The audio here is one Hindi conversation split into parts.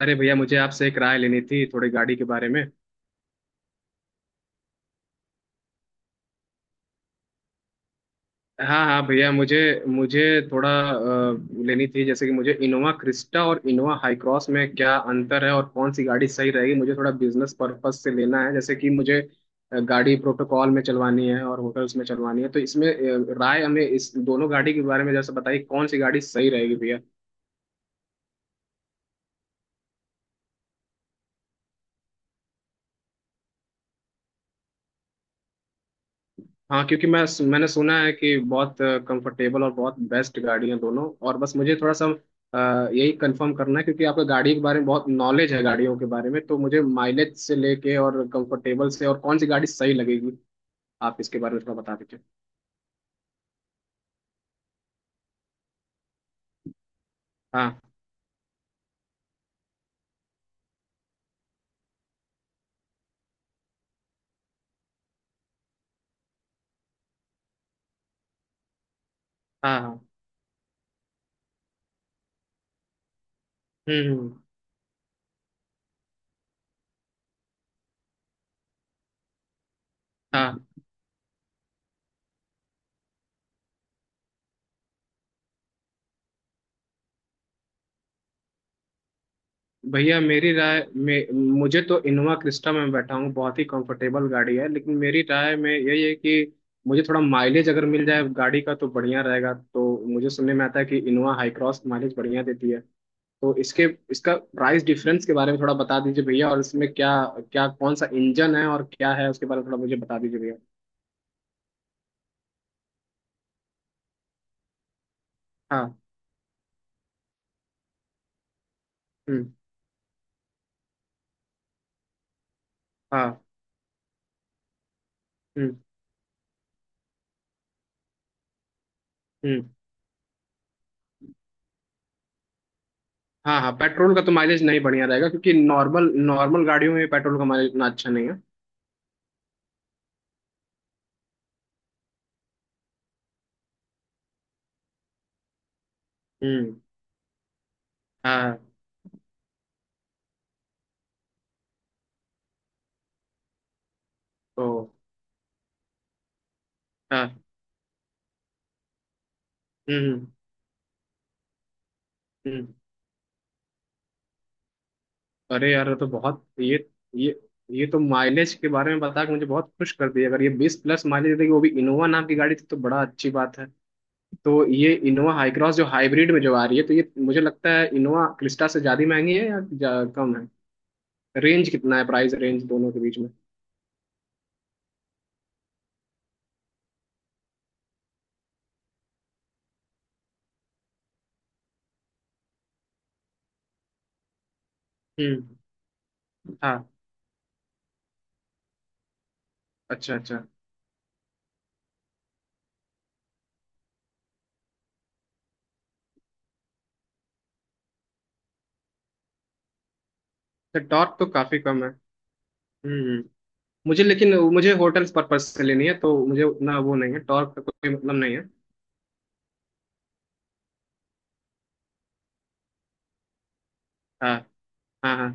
अरे भैया मुझे आपसे एक राय लेनी थी थोड़ी गाड़ी के बारे में। हाँ हाँ भैया मुझे मुझे थोड़ा लेनी थी जैसे कि मुझे इनोवा क्रिस्टा और इनोवा हाई क्रॉस में क्या अंतर है और कौन सी गाड़ी सही रहेगी मुझे थोड़ा बिजनेस पर्पज से लेना है जैसे कि मुझे गाड़ी प्रोटोकॉल में चलवानी है और होटल्स में चलवानी है तो इसमें राय हमें इस दोनों गाड़ी के बारे में जैसे बताइए कौन सी गाड़ी सही रहेगी भैया। हाँ क्योंकि मैंने सुना है कि बहुत कंफर्टेबल और बहुत बेस्ट गाड़ी है दोनों, और बस मुझे थोड़ा सा यही कंफर्म करना है क्योंकि आपका गाड़ी के बारे में बहुत नॉलेज है गाड़ियों के बारे में, तो मुझे माइलेज से लेके और कंफर्टेबल से और कौन सी गाड़ी सही लगेगी आप इसके बारे में थोड़ा बता दीजिए। हाँ हाँ हाँ। हम्म हम्म, हाँ। भैया मेरी राय में मुझे तो इनोवा क्रिस्टा में बैठा हूँ बहुत ही कंफर्टेबल गाड़ी है, लेकिन मेरी राय में यही है कि मुझे थोड़ा माइलेज अगर मिल जाए गाड़ी का तो बढ़िया रहेगा। तो मुझे सुनने में आता है कि इनोवा हाई क्रॉस माइलेज बढ़िया देती है, तो इसके इसका प्राइस डिफरेंस के बारे में थोड़ा बता दीजिए भैया, और इसमें क्या क्या कौन सा इंजन है और क्या है उसके बारे में थोड़ा मुझे बता दीजिए भैया। हाँ। हम्म। हाँ। हम्म हम्म। हाँ हाँ, पेट्रोल का तो माइलेज नहीं बढ़िया रहेगा क्योंकि नॉर्मल नॉर्मल गाड़ियों में पेट्रोल का माइलेज इतना अच्छा नहीं है। हम्म। हाँ। ओ। हाँ। हम्म हम्म। अरे यार ये तो बहुत ये ये तो माइलेज के बारे में बता के मुझे बहुत खुश कर दिया। अगर ये 20 प्लस माइलेज देगी वो भी इनोवा नाम की गाड़ी थी तो बड़ा अच्छी बात है। तो ये इनोवा हाई क्रॉस जो हाइब्रिड में जो आ रही है, तो ये मुझे लगता है इनोवा क्रिस्टा से ज्यादा महंगी है या कम है। रेंज कितना है प्राइस रेंज दोनों के बीच में। हम्म। हाँ। अच्छा अच्छा। तो टॉर्क तो काफी कम है। हम्म हम्म। मुझे, लेकिन मुझे होटल्स पर्पज से लेनी है तो मुझे उतना वो नहीं है, टॉर्क का कोई मतलब नहीं है। हाँ हाँ हाँ,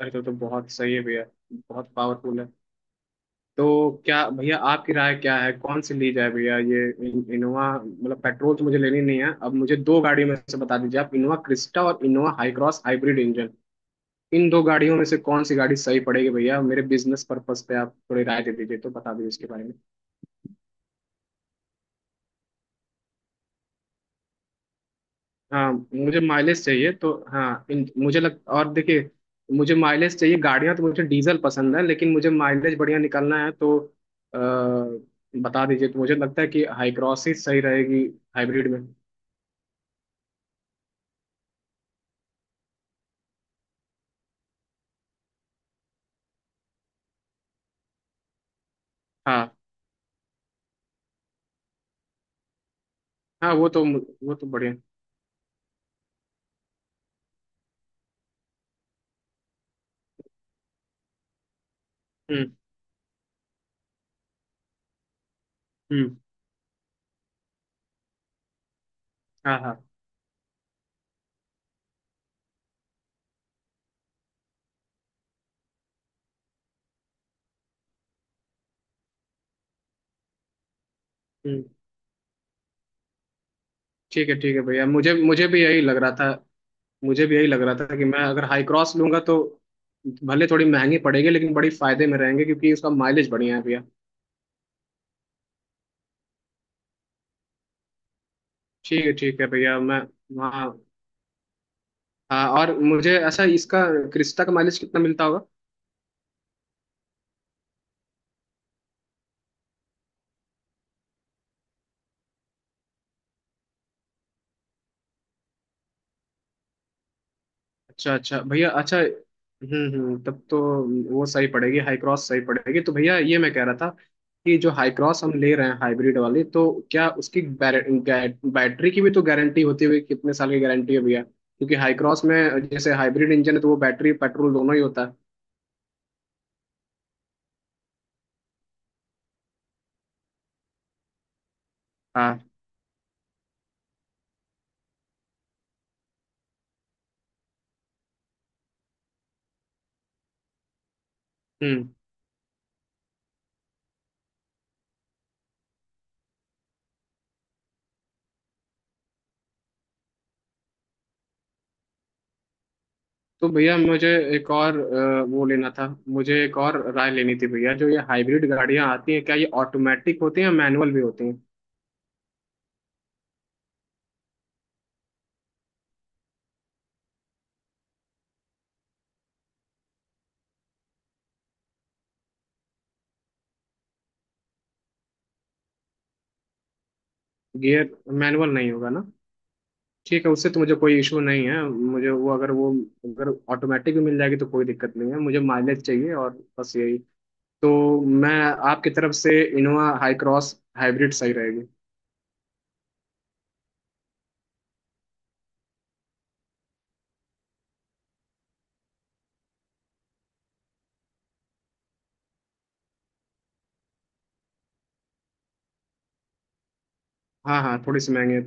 अरे तो बहुत सही है भैया, बहुत पावरफुल है। तो क्या भैया आपकी राय क्या है कौन सी ली जाए भैया? ये इनोवा मतलब पेट्रोल तो मुझे लेनी नहीं है, अब मुझे दो गाड़ियों में से बता दीजिए आप, इनोवा क्रिस्टा और Innova Hycross hybrid engine, इन दो गाड़ियों में से कौन सी गाड़ी सही पड़ेगी भैया मेरे बिजनेस पर्पस पे? आप थोड़ी राय दे दीजिए तो बता दीजिए इसके बारे में। हाँ, मुझे माइलेज चाहिए तो हाँ मुझे लग और देखिए, मुझे माइलेज चाहिए गाड़ियाँ, तो मुझे डीजल पसंद है लेकिन मुझे माइलेज बढ़िया निकालना है तो आ, बता दीजिए। तो मुझे लगता है कि हाईक्रॉस ही सही रहेगी हाइब्रिड में। हाँ हाँ। वो तो बढ़िया। हम्म हम्म। हाँ हाँ। हम्म। ठीक है भैया, मुझे मुझे भी यही लग रहा था। मुझे भी यही लग रहा था कि मैं अगर हाई क्रॉस लूंगा तो भले थोड़ी महंगी पड़ेगी, लेकिन बड़ी फायदे में रहेंगे क्योंकि उसका माइलेज बढ़िया है भैया। ठीक है भैया मैं, हाँ हाँ, और मुझे अच्छा इसका क्रिस्टा का माइलेज कितना मिलता होगा? अच्छा अच्छा भैया, अच्छा। हम्म, तब तो वो सही पड़ेगी, हाई क्रॉस सही पड़ेगी। तो भैया ये मैं कह रहा था कि जो हाई क्रॉस हम ले रहे हैं हाइब्रिड वाली, तो क्या उसकी बैटरी की भी तो गारंटी होती हुई कितने साल की गारंटी है भैया, क्योंकि हाई क्रॉस में जैसे हाइब्रिड इंजन है तो वो बैटरी पेट्रोल दोनों ही होता है। हाँ। हम्म। तो भैया मुझे एक और वो लेना था, मुझे एक और राय लेनी थी भैया, जो ये हाइब्रिड गाड़ियां आती हैं क्या ये ऑटोमेटिक होती हैं या मैनुअल भी होती हैं? गियर मैनुअल नहीं होगा ना? ठीक है, उससे तो मुझे कोई इशू नहीं है मुझे, वो अगर ऑटोमेटिक भी मिल जाएगी तो कोई दिक्कत नहीं है, मुझे माइलेज चाहिए और बस यही। तो मैं, आपकी तरफ से इनोवा हाई क्रॉस हाइब्रिड सही रहेगी। हाँ हाँ थोड़ी सी महंगी है।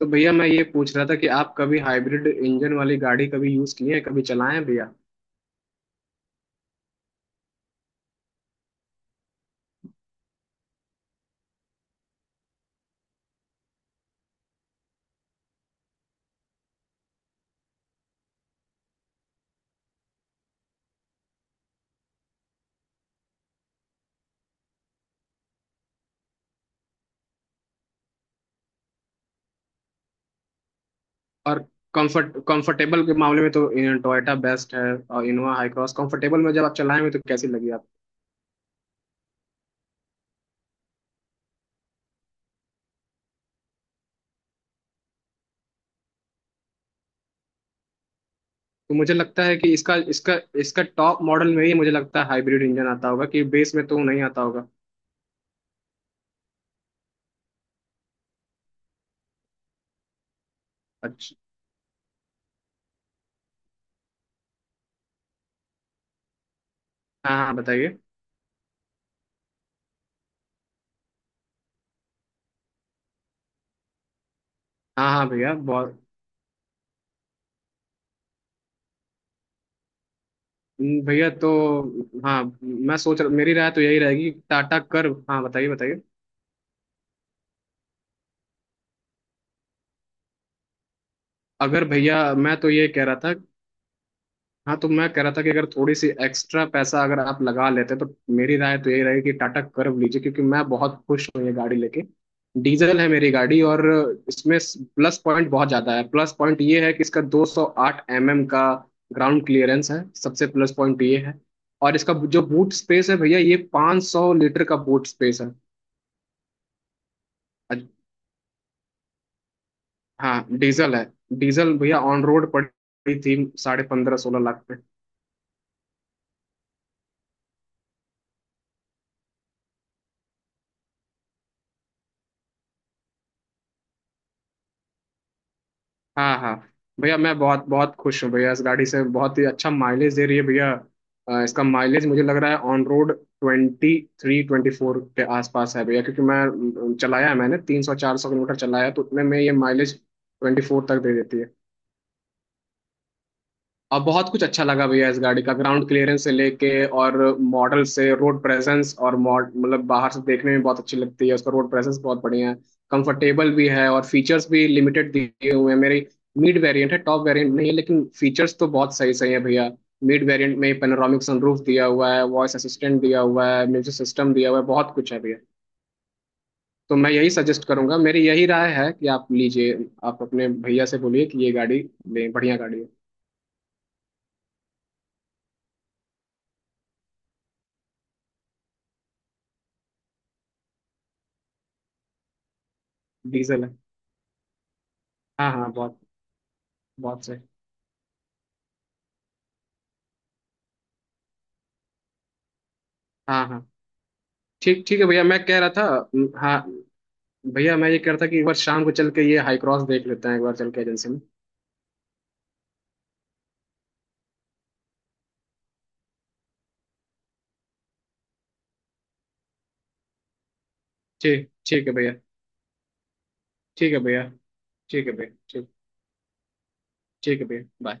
तो भैया मैं ये पूछ रहा था कि आप कभी हाइब्रिड इंजन वाली गाड़ी कभी यूज़ किए हैं कभी चलाएं हैं भैया? और कंफर्टेबल के मामले में तो टोयोटा बेस्ट है, और इनोवा हाई क्रॉस कंफर्टेबल में जब आप चलाएंगे तो कैसी लगी आप? तो मुझे लगता है कि इसका इसका इसका टॉप मॉडल में ही मुझे लगता है हाइब्रिड इंजन आता होगा, कि बेस में तो नहीं आता होगा। अच्छा। हाँ हाँ बताइए। हाँ हाँ भैया, बहुत भैया तो। हाँ मैं सोच रहा, मेरी राय तो यही रहेगी टाटा कर्व। हाँ बताइए बताइए। अगर भैया, मैं तो ये कह रहा था, हाँ, तो मैं कह रहा था कि अगर थोड़ी सी एक्स्ट्रा पैसा अगर आप लगा लेते तो मेरी राय तो यही रहेगी कि टाटा कर्व लीजिए, क्योंकि मैं बहुत खुश हूँ ये गाड़ी लेके। डीजल है मेरी गाड़ी, और इसमें प्लस पॉइंट बहुत ज़्यादा है। प्लस पॉइंट ये है कि इसका 208 mm का ग्राउंड क्लियरेंस है, सबसे प्लस पॉइंट ये है। और इसका जो बूट स्पेस है भैया, ये 500 लीटर का बूट स्पेस है। अज- हाँ डीजल है। डीजल भैया ऑन रोड पड़ी थी 15.5-16 लाख पे। हाँ हाँ भैया, मैं बहुत बहुत खुश हूँ भैया इस गाड़ी से, बहुत ही अच्छा माइलेज दे रही है भैया। इसका माइलेज मुझे लग रहा है ऑन रोड 23-24 के आसपास है भैया, क्योंकि मैं चलाया है, मैंने 300-400 किलोमीटर चलाया है, तो उतने में ये माइलेज 24 तक दे देती है। अब बहुत कुछ अच्छा लगा भैया इस गाड़ी का, ग्राउंड क्लियरेंस से लेके और मॉडल से, रोड प्रेजेंस, और मॉड मतलब बाहर से देखने में बहुत अच्छी लगती है, उसका रोड प्रेजेंस बहुत बढ़िया है। कंफर्टेबल भी है, और फीचर्स भी लिमिटेड दिए हुए हैं। मेरी मिड वेरिएंट है, टॉप वेरिएंट नहीं है, लेकिन फीचर्स तो बहुत सही सही है भैया। मिड वेरिएंट में पेनोरामिक सनरूफ दिया हुआ है, वॉइस असिस्टेंट दिया हुआ है, म्यूजिक सिस्टम दिया हुआ है, बहुत कुछ है भैया। तो मैं यही सजेस्ट करूंगा, मेरी यही राय है कि आप लीजिए, आप अपने भैया से बोलिए कि ये गाड़ी लें, बढ़िया गाड़ी है। डीजल है। हाँ हाँ बहुत, बहुत सही। हाँ हाँ। ठीक ठीक है भैया, मैं कह रहा था, हाँ, भैया मैं ये कह रहा था कि एक बार शाम को चल के ये हाई क्रॉस देख लेते हैं, एक बार चल के एजेंसी में। ठीक ठीक है भैया। ठीक है भैया। ठीक है भैया। ठीक ठीक है भैया, बाय।